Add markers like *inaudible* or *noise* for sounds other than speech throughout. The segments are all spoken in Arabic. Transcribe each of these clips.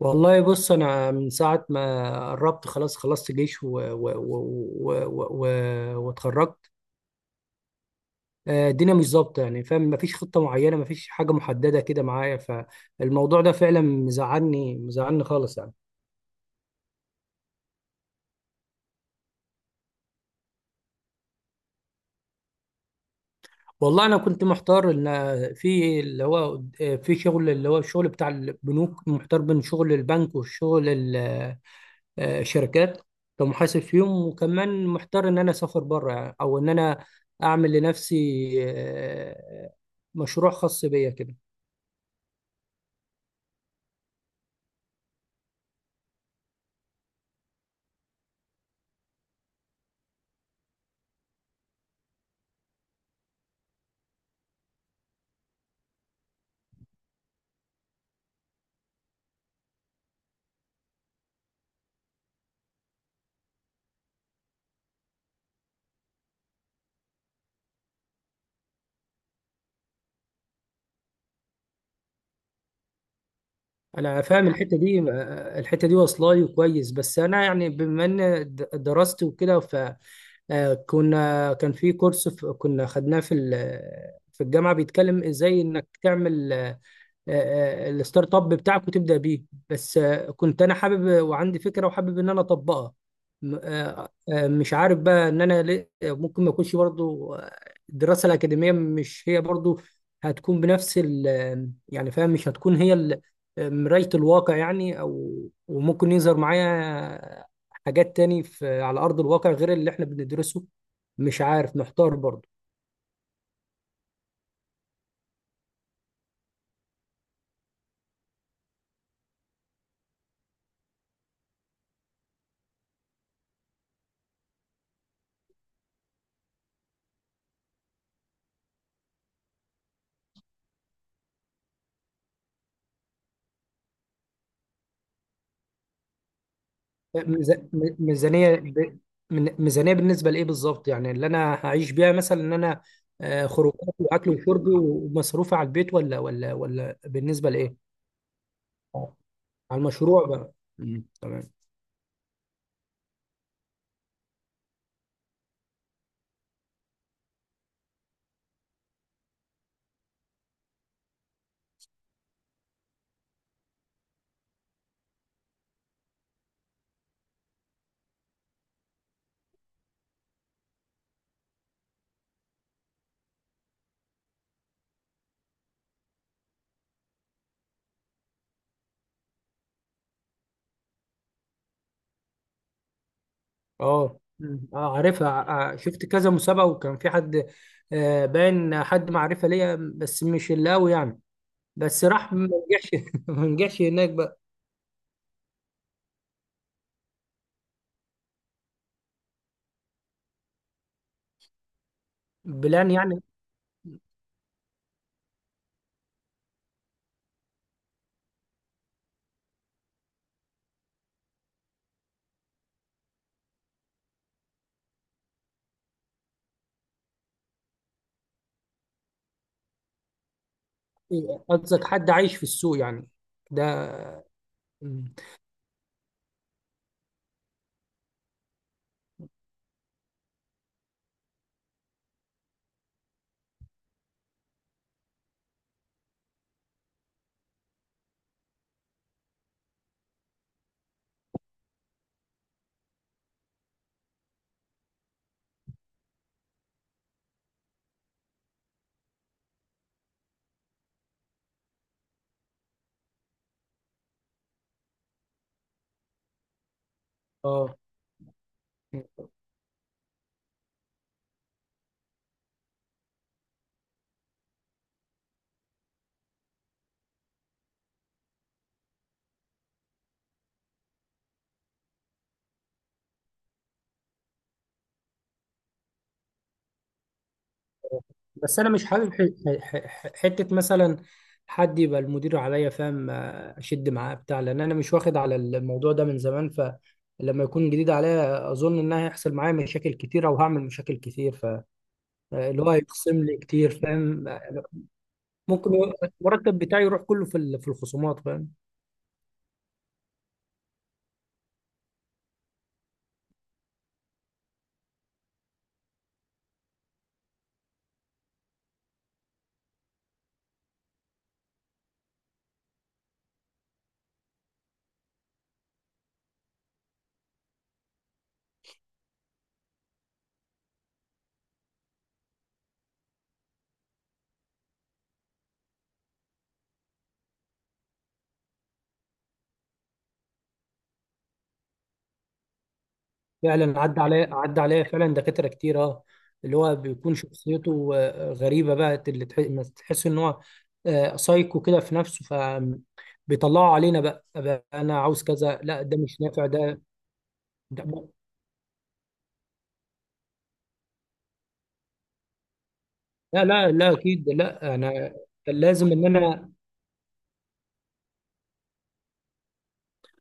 والله بص، انا من ساعه ما قربت خلاص خلصت جيش واتخرجت. الدنيا مش ظابطه، يعني فاهم، مفيش خطه معينه، مفيش حاجه محدده كده معايا. فالموضوع ده فعلا مزعلني مزعلني خالص يعني. والله انا كنت محتار ان في اللي هو في شغل، اللي هو الشغل بتاع البنوك. محتار بين شغل البنك والشغل، شركات، كمحاسب فيهم. وكمان محتار ان انا اسافر بره يعني، او ان انا اعمل لنفسي آه، مشروع خاص بيا كده. انا فاهم الحته دي، الحته دي واصله لي كويس. بس انا يعني، بما ان درست وكده، كان في كورس، كنا خدناه في الجامعه، بيتكلم ازاي انك تعمل الستارت اب بتاعك وتبدا بيه. بس كنت انا حابب وعندي فكره، وحابب ان انا اطبقها. مش عارف بقى ان ممكن ما اكونش برضو الدراسه الاكاديميه مش هي برضو هتكون بنفس ال يعني فاهم، مش هتكون هي مرايه الواقع يعني، او وممكن يظهر معايا حاجات تاني في على ارض الواقع غير اللي احنا بندرسه. مش عارف، محتار برضو. ميزانية ميزانية بالنسبة لإيه بالظبط يعني؟ اللي أنا هعيش بيها مثلا، إن أنا خروجات وأكل وشرب ومصروفي على البيت؟ ولا بالنسبة لإيه؟ آه. على المشروع بقى. مم. تمام. أه. مم. أه عارفها. شفت كذا مسابقة وكان في حد، باين حد معرفة ليا بس مش اللي قوي يعني. بس راح ما نجحش *laughs* ما نجحش هناك بقى. بلان يعني. قصدك حد عايش في السوق يعني؟ ده. مم. اه. بس انا مش حابب حته مثلا حد يبقى المدير عليا، فاهم، اشد معاه بتاع. لان انا مش واخد على الموضوع ده من زمان، فلما يكون جديد عليا اظن ان هيحصل معايا مشاكل كتير او هعمل مشاكل كتير. فاللي هو هيخصم لي كتير، فاهم. ممكن المرتب بتاعي يروح كله في الخصومات، فاهم. فعلا عدى عليا عدى عليا فعلا دكاترة كتير. اه، اللي هو بيكون شخصيته غريبة بقى، اللي ما تحس ان هو سايكو كده في نفسه. فبيطلعوا علينا بقى، انا عاوز كذا، لا ده مش نافع ده. لا لا لا، اكيد لا، انا كان لازم ان انا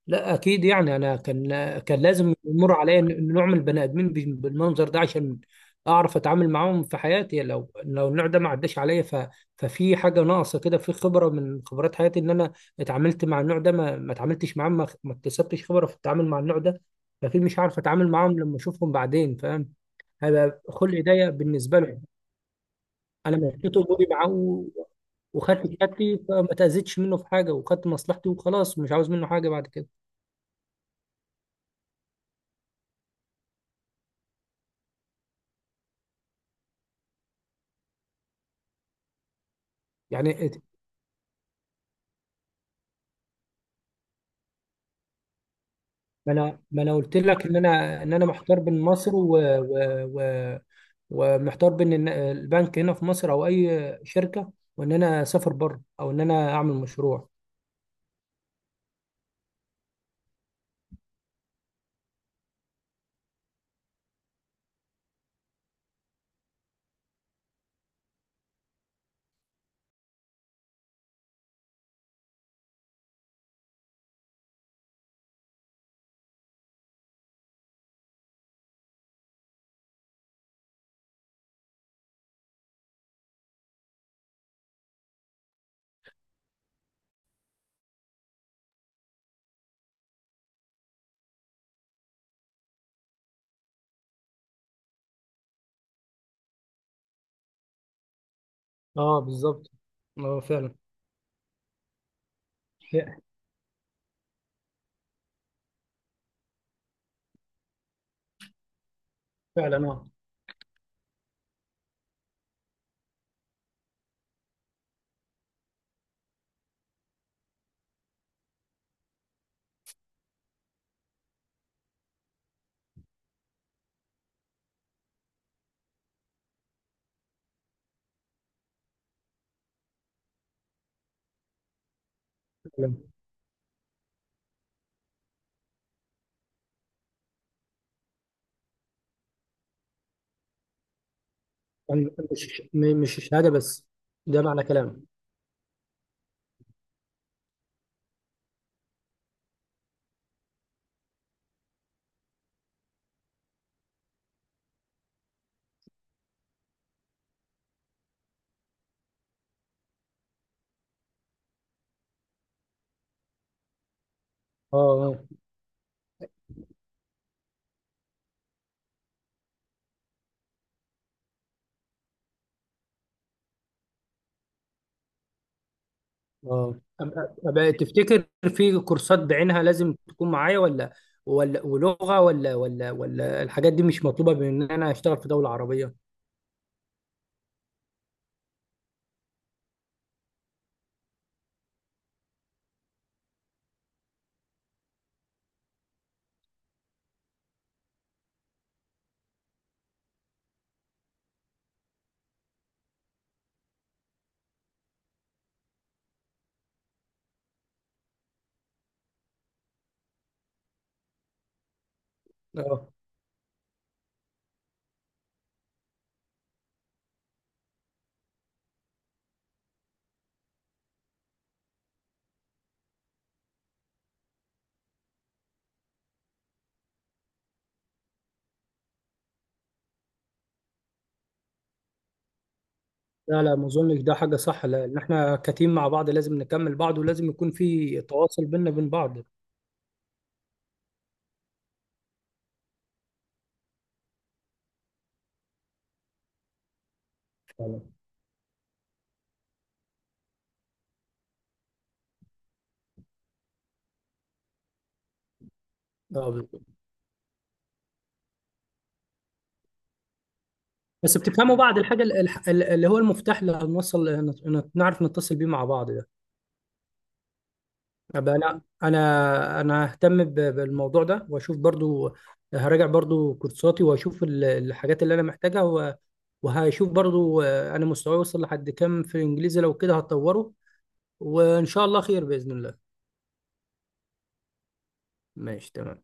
لا اكيد يعني انا كان لازم يمر عليا نوع من البني ادمين بالمنظر ده عشان اعرف اتعامل معاهم في حياتي. لو النوع ده ما عداش عليا، ف... ففي حاجه ناقصه كده في خبره من خبرات حياتي ان انا اتعاملت مع النوع ده. ما اتعاملتش معاه، ما اكتسبتش خبره في التعامل مع النوع ده. فاكيد مش هعرف اتعامل معاهم لما اشوفهم بعدين، فاهم. هيبقى خلق ضيق بالنسبه لهم. انا مشيت اموري معاه وخدت كتابتي، فما تاذيتش منه في حاجه وخدت مصلحتي وخلاص، مش عاوز منه حاجه بعد كده. يعني ما انا قلت لك ان انا محتار بين مصر ومحتار بين إن البنك هنا في مصر او اي شركه، وان انا اسافر بره، او ان انا اعمل مشروع. اه بالظبط. اه فعلا. فعلا اه. فعلا. يعني مش مش الشهاده بس، ده معنى كلام. اه. اه. اه. أب- تفتكر في كورسات بعينها لازم تكون معايا، ولا ولغه، ولا الحاجات دي مش مطلوبه بان انا اشتغل في دوله عربيه؟ اه. لا لا، ما اظنش ده حاجه صح، لان احنا كتيم مع بعض، لازم نكمل بعض ولازم يكون في تواصل بيننا وبين بعض. فعلا. اه بالظبط. بس بتفهموا بعض الحاجه اللي هو المفتاح اللي نعرف نتصل بيه مع بعض ده. أبقى انا ههتم بالموضوع ده واشوف برضو. هراجع برضو كورساتي واشوف الحاجات اللي انا محتاجها، وهشوف برضو انا مستواي وصل لحد كام في الانجليزي، لو كده هتطوره. وان شاء الله خير باذن الله. ماشي، تمام.